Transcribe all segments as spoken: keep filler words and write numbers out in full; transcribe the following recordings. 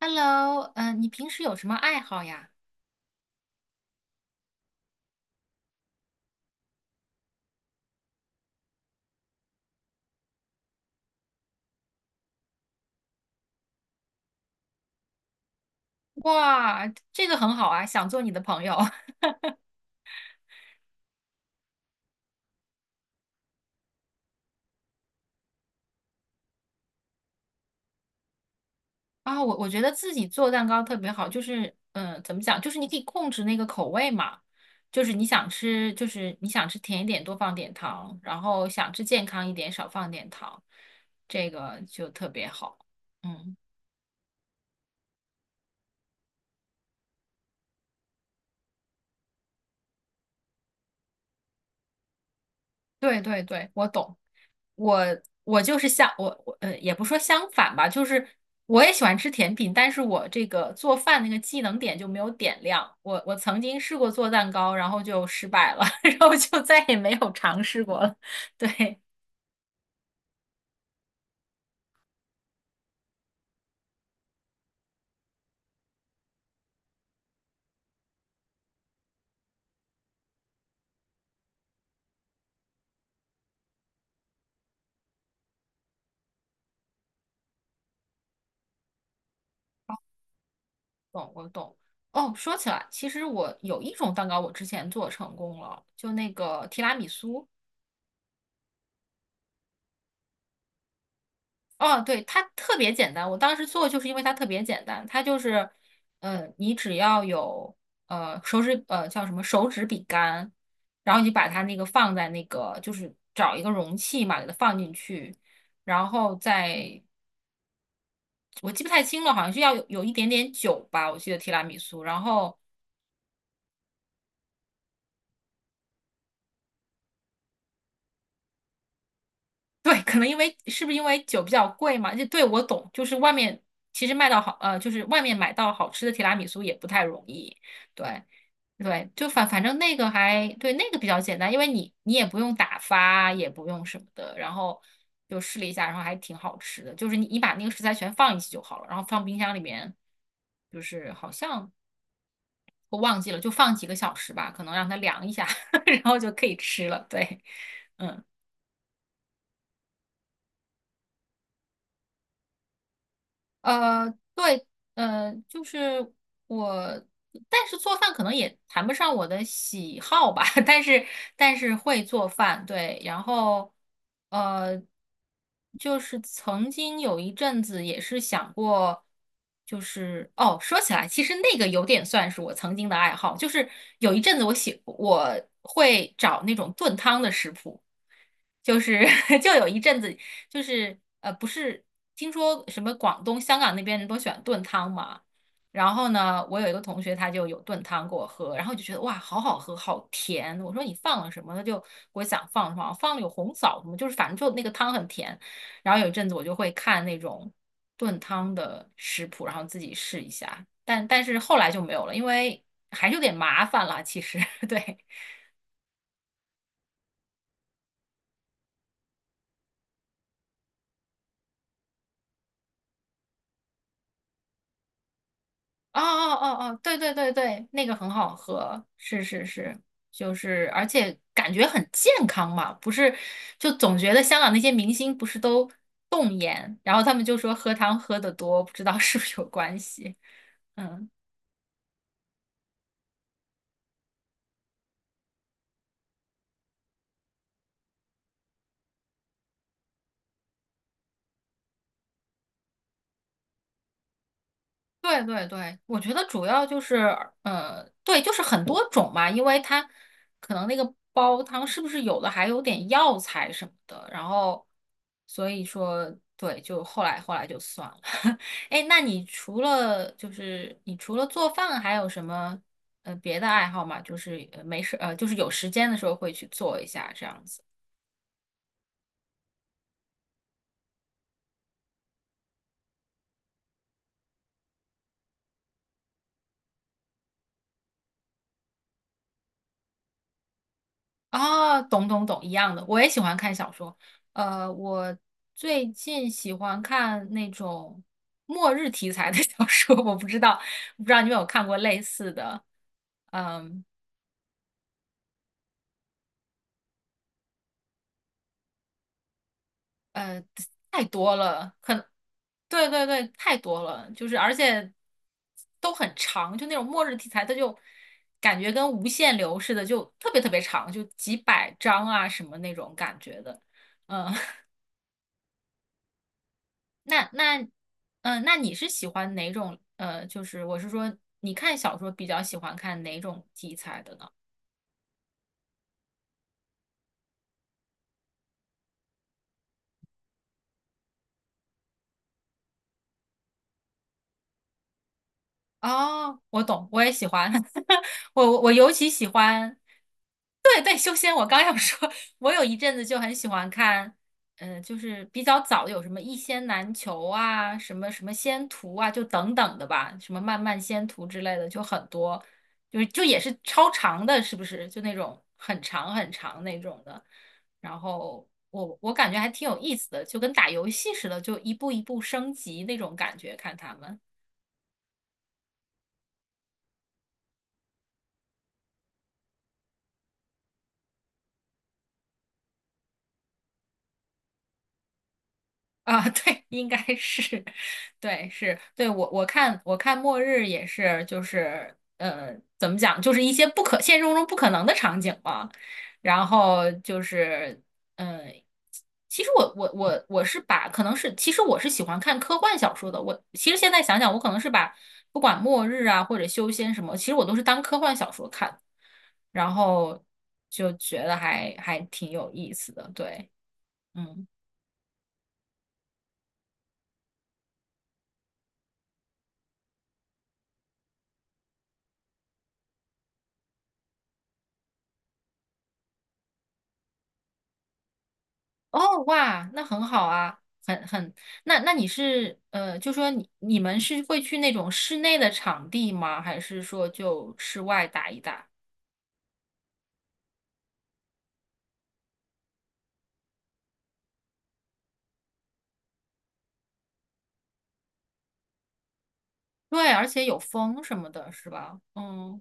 Hello，嗯，你平时有什么爱好呀？哇，这个很好啊，想做你的朋友 啊。我我觉得自己做蛋糕特别好，就是嗯，呃怎么讲，就是你可以控制那个口味嘛，就是你想吃，就是你想吃甜一点多放点糖，然后想吃健康一点少放点糖，这个就特别好。嗯。对对对，我懂。我我就是相我我呃，也不说相反吧，就是我也喜欢吃甜品，但是我这个做饭那个技能点就没有点亮。我我曾经试过做蛋糕，然后就失败了，然后就再也没有尝试过了。对，懂我懂。哦，说起来，其实我有一种蛋糕我之前做成功了，就那个提拉米苏。哦，对，它特别简单。我当时做就是因为它特别简单，它就是，呃，你只要有呃手指呃叫什么手指饼干，然后你把它那个放在那个就是找一个容器嘛，给它放进去，然后再我记不太清了，好像是要有有一点点酒吧，我记得提拉米苏。然后 对，可能因为是不是因为酒比较贵嘛？就对我懂，就是外面其实卖到好呃，就是外面买到好吃的提拉米苏也不太容易，对。对，就反反正那个还对那个比较简单，因为你你也不用打发，也不用什么的，然后就试了一下，然后还挺好吃的。就是你你把那个食材全放一起就好了，然后放冰箱里面，就是好像我忘记了，就放几个小时吧，可能让它凉一下，然后就可以吃了。对，嗯。呃，对，呃，就是我，但是做饭可能也谈不上我的喜好吧，但是但是会做饭，对，然后呃，就是曾经有一阵子也是想过，就是哦，说起来，其实那个有点算是我曾经的爱好，就是有一阵子我喜我会找那种炖汤的食谱。就是 就有一阵子，就是呃，不是听说什么广东、香港那边人都喜欢炖汤嘛？然后呢，我有一个同学他就有炖汤给我喝，然后就觉得哇，好好喝，好甜。我说你放了什么？他就给我想放什么，放了有红枣什么，就是反正就那个汤很甜。然后有一阵子我就会看那种炖汤的食谱，然后自己试一下。但但是后来就没有了，因为还是有点麻烦啦，其实，对。哦哦哦哦，对对对对，那个很好喝，是是是，就是而且感觉很健康嘛，不是，就总觉得香港那些明星不是都冻颜，然后他们就说喝汤喝得多，不知道 是不是有关系，嗯。对对对，我觉得主要就是，呃，对，就是很多种嘛，因为它可能那个煲汤是不是有的还有点药材什么的，然后所以说，对，就后来后来就算了。哎那你除了就是你除了做饭，还有什么呃别的爱好吗？就是呃没事呃，就是有时间的时候会去做一下这样子。啊，懂懂懂，一样的，我也喜欢看小说。呃，我最近喜欢看那种末日题材的 小说，我不知道，不知道你有没有看过类似的？嗯，呃，太多了，可能，对对对，太多了，就是而且都很长，就那种末日题材，它就感觉跟无限流似的，就特别特别长，就几百章啊什么那种感觉的。嗯，那那，嗯、那你是喜欢哪种？呃，就是我是说，你看小说比较喜欢看哪种题材的呢？哦，我懂，我也喜欢，我我尤其喜欢，对对，修仙，我刚要说，我有一阵子就很喜欢看，嗯，就是比较早有什么《一仙难求》啊，什么什么仙途啊，就等等的吧，什么漫漫仙途之类的，就很多，就是就也是超长的，是不是？就那种很长很长那种的。然后我我感觉还挺有意思的，就跟打游戏似的，就一步一步升级那种感觉，看他们。啊，对，应该是，对，是，对，我我看我看末日也是，就是呃，怎么讲，就是一些不可现实中不可能的场景嘛，然后就是嗯、呃其实我我我我是把可能是，其实我是喜欢看科幻小说的，我其实现在想想，我可能是把不管末日啊或者修仙什么，其实我都是当科幻小说看，然后就觉得还还挺有意思的，对，嗯。哦，哇，那很好啊，很很，那那你是呃，就说你你们是会去那种室内的场地吗？还是说就室外打一打？对，而且有风什么的，是吧？嗯，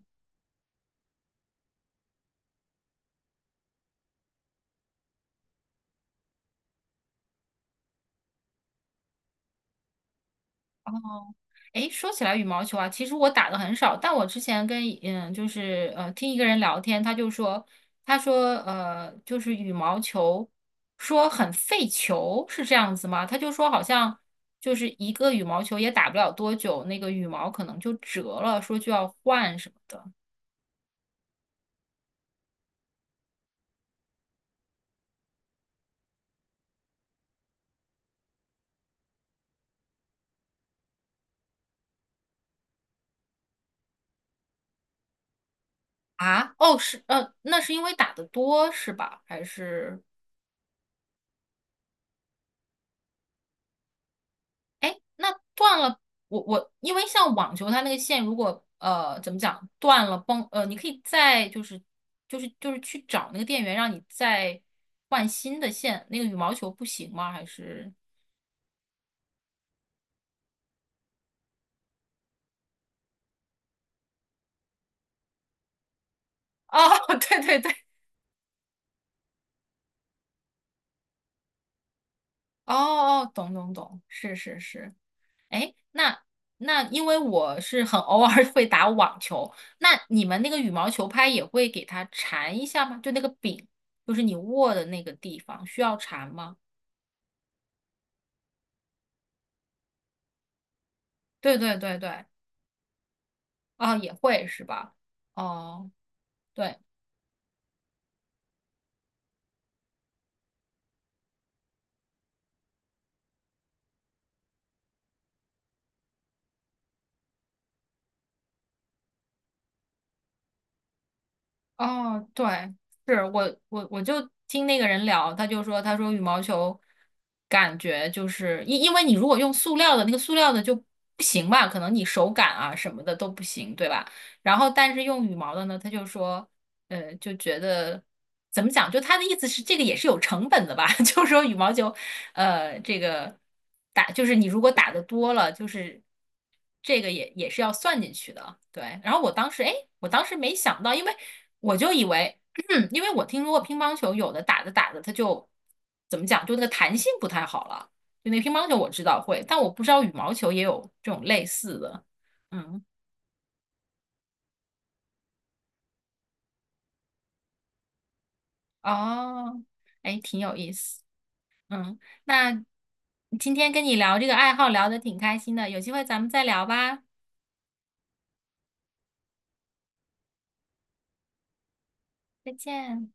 哦，诶，说起来羽毛球啊，其实我打的很少，但我之前跟嗯，就是呃，听一个人聊天，他就说，他说呃，就是羽毛球说很费球，是这样子吗？他就说好像就是一个羽毛球也打不了多久，那个羽毛可能就折了，说就要换什么的。啊？哦，是呃，那是因为打得多是吧？还是？哎，那断了，我我因为像网球，它那个线如果呃怎么讲断了崩呃，你可以再就是就是就是去找那个店员，让你再换新的线。那个羽毛球不行吗？还是哦，对对对，哦哦，懂懂懂，是是是。哎，那那因为我是很偶尔 会打网球，那你们那个羽毛球拍也会给它缠一下吗？就那个柄，就是你握的那个地方需要缠吗？对对对对。啊，也会是吧？哦，对，哦，对，是我我我就听那个人聊，他就说他说羽毛球感觉就是因因为你如果用塑料的那个塑料的就不行吧，可能你手感啊什么的都不行，对吧？然后但是用羽毛的呢，他就说，呃，就觉得怎么讲，就他的意思是这个也是有成本的吧，就是说羽毛球，呃，这个打就是你如果打的多了，就是这个也也是要算进去的，对。然后我当时哎，诶我当时没想到，因为。我就以为，因为我听说过乒乓球有的打着打着它就怎么讲，就那个弹性不太好了。就那个乒乓球我知道会，但我不知道羽毛球也有这种类似的。嗯，哦，哎，挺有意思。嗯，那今天跟你聊这个爱好聊的挺开心的，有机会咱们再聊吧，再见。